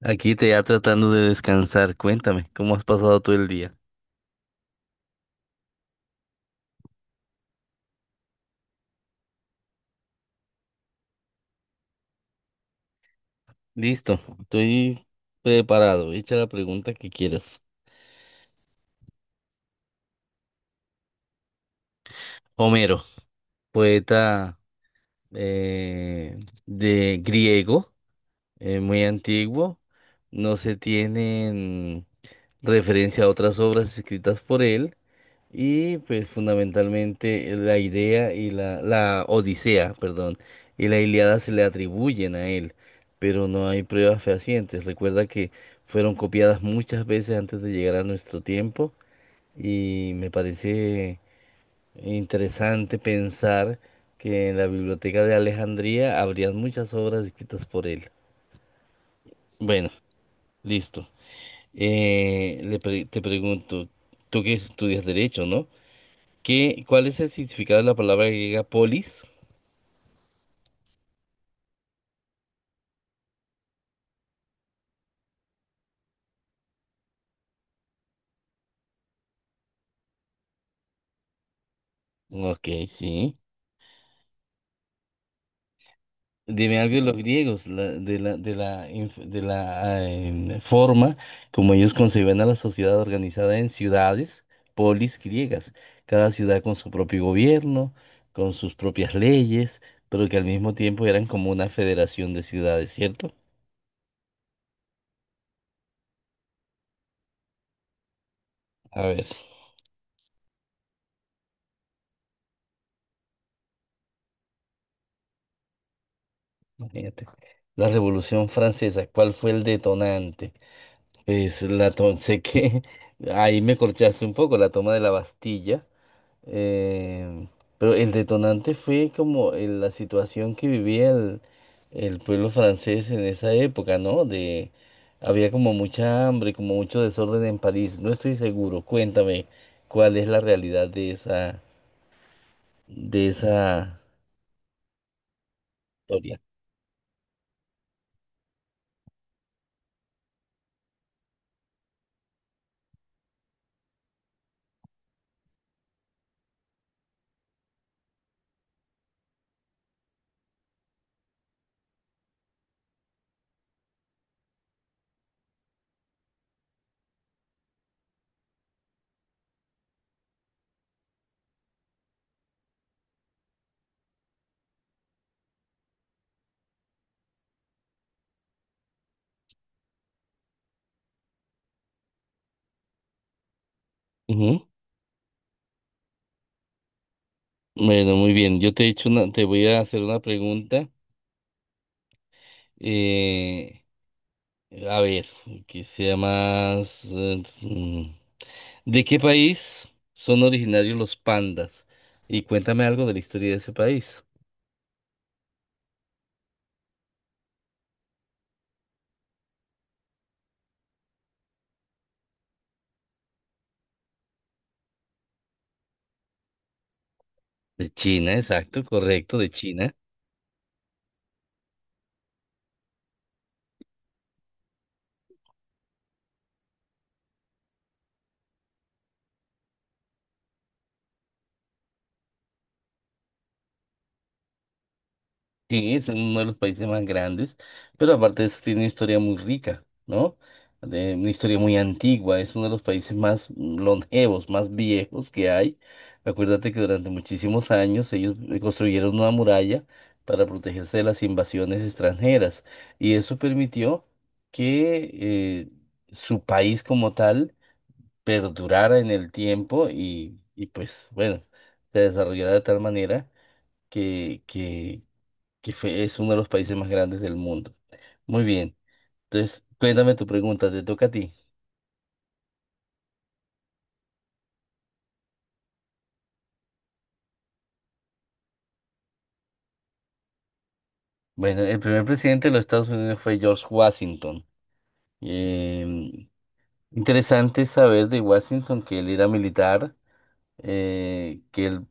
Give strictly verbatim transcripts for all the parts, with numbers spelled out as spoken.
Aquí te ya tratando de descansar. Cuéntame, ¿cómo has pasado todo el día? Listo, estoy preparado. Echa la pregunta que quieras. Homero, poeta eh, de griego, eh, muy antiguo. No se tienen referencia a otras obras escritas por él. Y pues fundamentalmente la idea y la, la Odisea, perdón, y la Ilíada se le atribuyen a él, pero no hay pruebas fehacientes. Recuerda que fueron copiadas muchas veces antes de llegar a nuestro tiempo y me parece interesante pensar que en la biblioteca de Alejandría habrían muchas obras escritas por él. Bueno, listo. Eh, le pre- te pregunto, tú que estudias derecho, ¿no? ¿Qué, cuál es el significado de la palabra griega polis? Ok, sí. Dime algo de los griegos, la- de la, de la, inf- de la em, forma como ellos concebían a la sociedad organizada en ciudades, polis griegas, cada ciudad con su propio gobierno, con sus propias leyes, pero que al mismo tiempo eran como una federación de ciudades, ¿cierto? A ver, imagínate. La Revolución Francesa, ¿cuál fue el detonante? Es la to- sé que ahí me corchaste un poco la toma de la Bastilla, eh, pero el detonante fue como el- la situación que vivía el, el pueblo francés en esa época, ¿no? De había como mucha hambre, como mucho desorden en París. No estoy seguro. Cuéntame cuál es la realidad de esa de esa historia. Ujú. Bueno, muy bien. Yo te he hecho una, Te voy a hacer una pregunta. eh, A ver, que sea más... eh, mm, ¿de qué país son originarios los pandas? Y cuéntame algo de la historia de ese país. De China, exacto, correcto, de China. Sí, es uno de los países más grandes, pero aparte de eso tiene una historia muy rica, ¿no? De- una historia muy antigua, es uno de los países más longevos, más viejos que hay. Acuérdate que durante muchísimos años ellos eh, construyeron una muralla para protegerse de las invasiones extranjeras y eso permitió que eh, su país como tal perdurara en el tiempo y, y pues bueno, se desarrollara de tal manera que, que que fue- es uno de los países más grandes del mundo. Muy bien. Entonces, cuéntame tu pregunta, te toca a ti. Bueno, el primer presidente de los Estados Unidos fue George Washington. Em, Interesante saber de Washington que él era militar, eh, que él,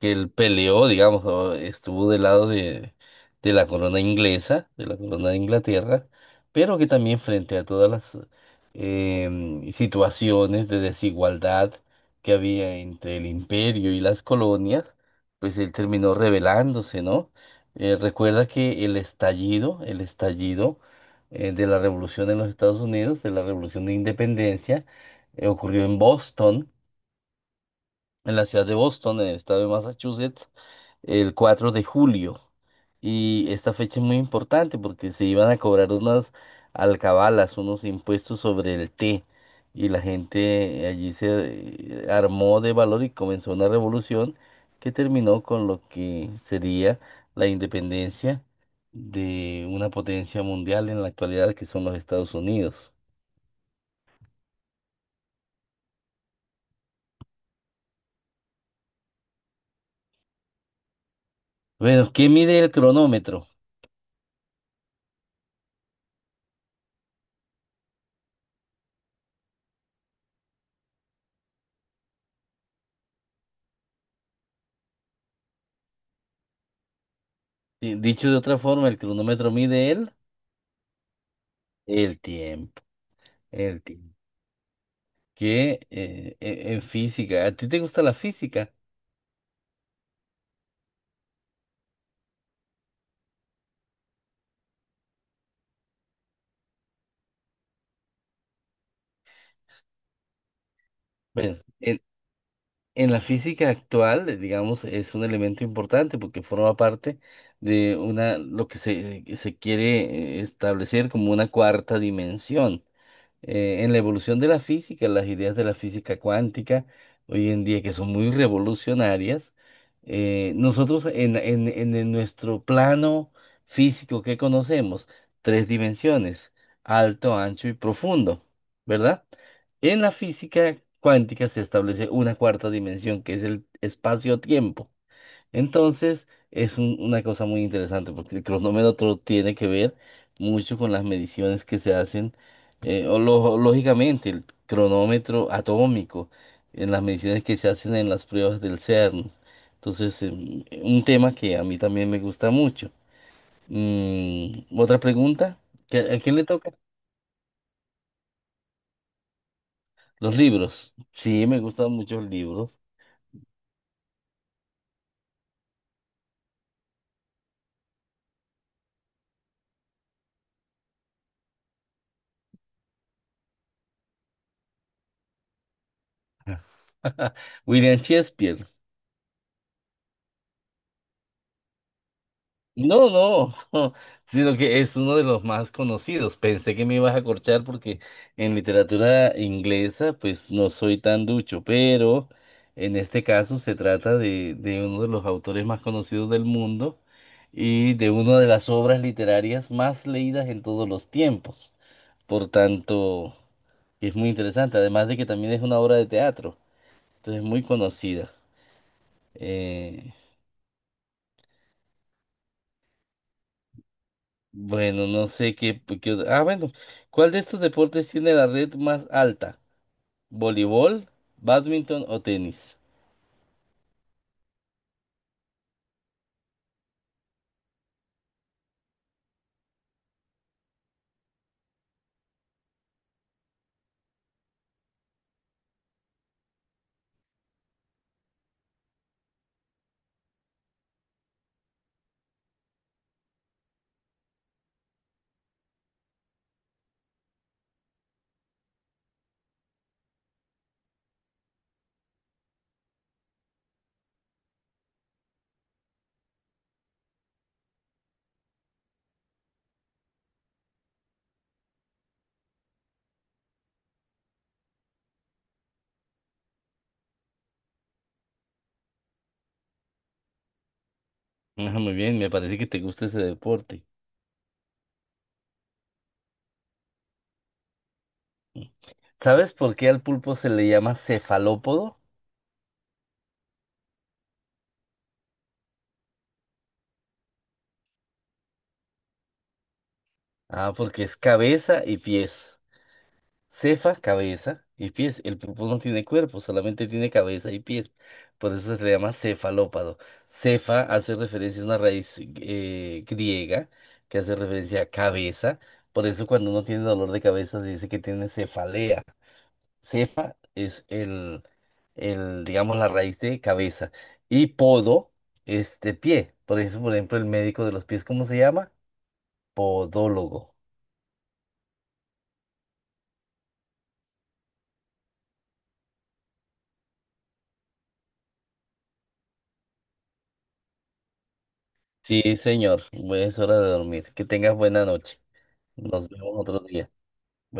que él peleó, digamos, o estuvo del lado de, de la corona inglesa, de la corona de Inglaterra, pero que también frente a todas las em, situaciones de desigualdad que había entre el imperio y las colonias, pues él terminó rebelándose, ¿no? Eh, recuerda que el estallido, el estallido eh, de la revolución en los Estados Unidos, de la revolución de independencia, eh, ocurrió en Boston, en la ciudad de Boston, en el estado de Massachusetts, el cuatro de julio. Y esta fecha es muy importante porque se iban a cobrar unas alcabalas, unos impuestos sobre el té. Y la gente allí se eh, armó de valor y comenzó una revolución que terminó con lo que sería la independencia de una potencia mundial en la actualidad que son los Estados Unidos. Bueno, ¿qué mide el cronómetro? Di- Dicho de otra forma, el cronómetro mide el El tiempo, el tiempo. Que eh, e- en física, ¿a ti te gusta la física? Bueno, en, en la física actual, eh, digamos, es un elemento importante porque forma parte de una, lo que se, se quiere eh, establecer como una cuarta dimensión. Eh, en la evolución de la física, las ideas de la física cuántica hoy en día que son muy revolucionarias, eh, nosotros en, en, en el- nuestro plano físico que conocemos, tres dimensiones, alto, ancho y profundo, ¿verdad? En la física cuántica se establece una cuarta dimensión que es el espacio-tiempo. Entonces, es un- una cosa muy interesante porque el cronómetro tiene que ver mucho con las mediciones que se hacen, eh, o lo- lógicamente, el cronómetro atómico, en las mediciones que se hacen en las pruebas del CERN. Entonces, em, un tema que a mí también me gusta mucho. Mm, otra pregunta, ¿qué- ¿a quién le toca? Los libros. Sí, me gustan mucho los libros. William Shakespeare. No, no, sino que es uno de los más conocidos. Pensé que me ibas a corchar porque en literatura inglesa pues no soy tan ducho, pero en este caso se trata de, de uno de los autores más conocidos del mundo y de una de las obras literarias más leídas en todos los tiempos. Por tanto, es muy interesante, además de que también es una obra de teatro, entonces es muy conocida. Eh, Bueno, no sé qué, qué... otra- Ah, bueno. ¿Cuál de estos deportes tiene la red más alta? ¿Voleibol, bádminton o tenis? Ah, muy bien, me parece que te gusta ese deporte. ¿Sabes por qué al pulpo se le llama cefalópodo? Ah, porque es cabeza y pies. Cefa, cabeza y pies. El pulpo no tiene cuerpo, solamente tiene cabeza y pies. Por eso se le llama cefalópado. Cefa hace referencia a una raíz eh, griega que hace referencia a cabeza. Por eso cuando uno tiene dolor de cabeza se dice que tiene cefalea. Cefa es el, el, digamos, la raíz de cabeza. Y podo es de pie. Por eso, por ejemplo, el médico de los pies, ¿cómo se llama? Podólogo. Sí, señor. Es hora de dormir. Que tengas buena noche. Nos vemos otro día. Bueno.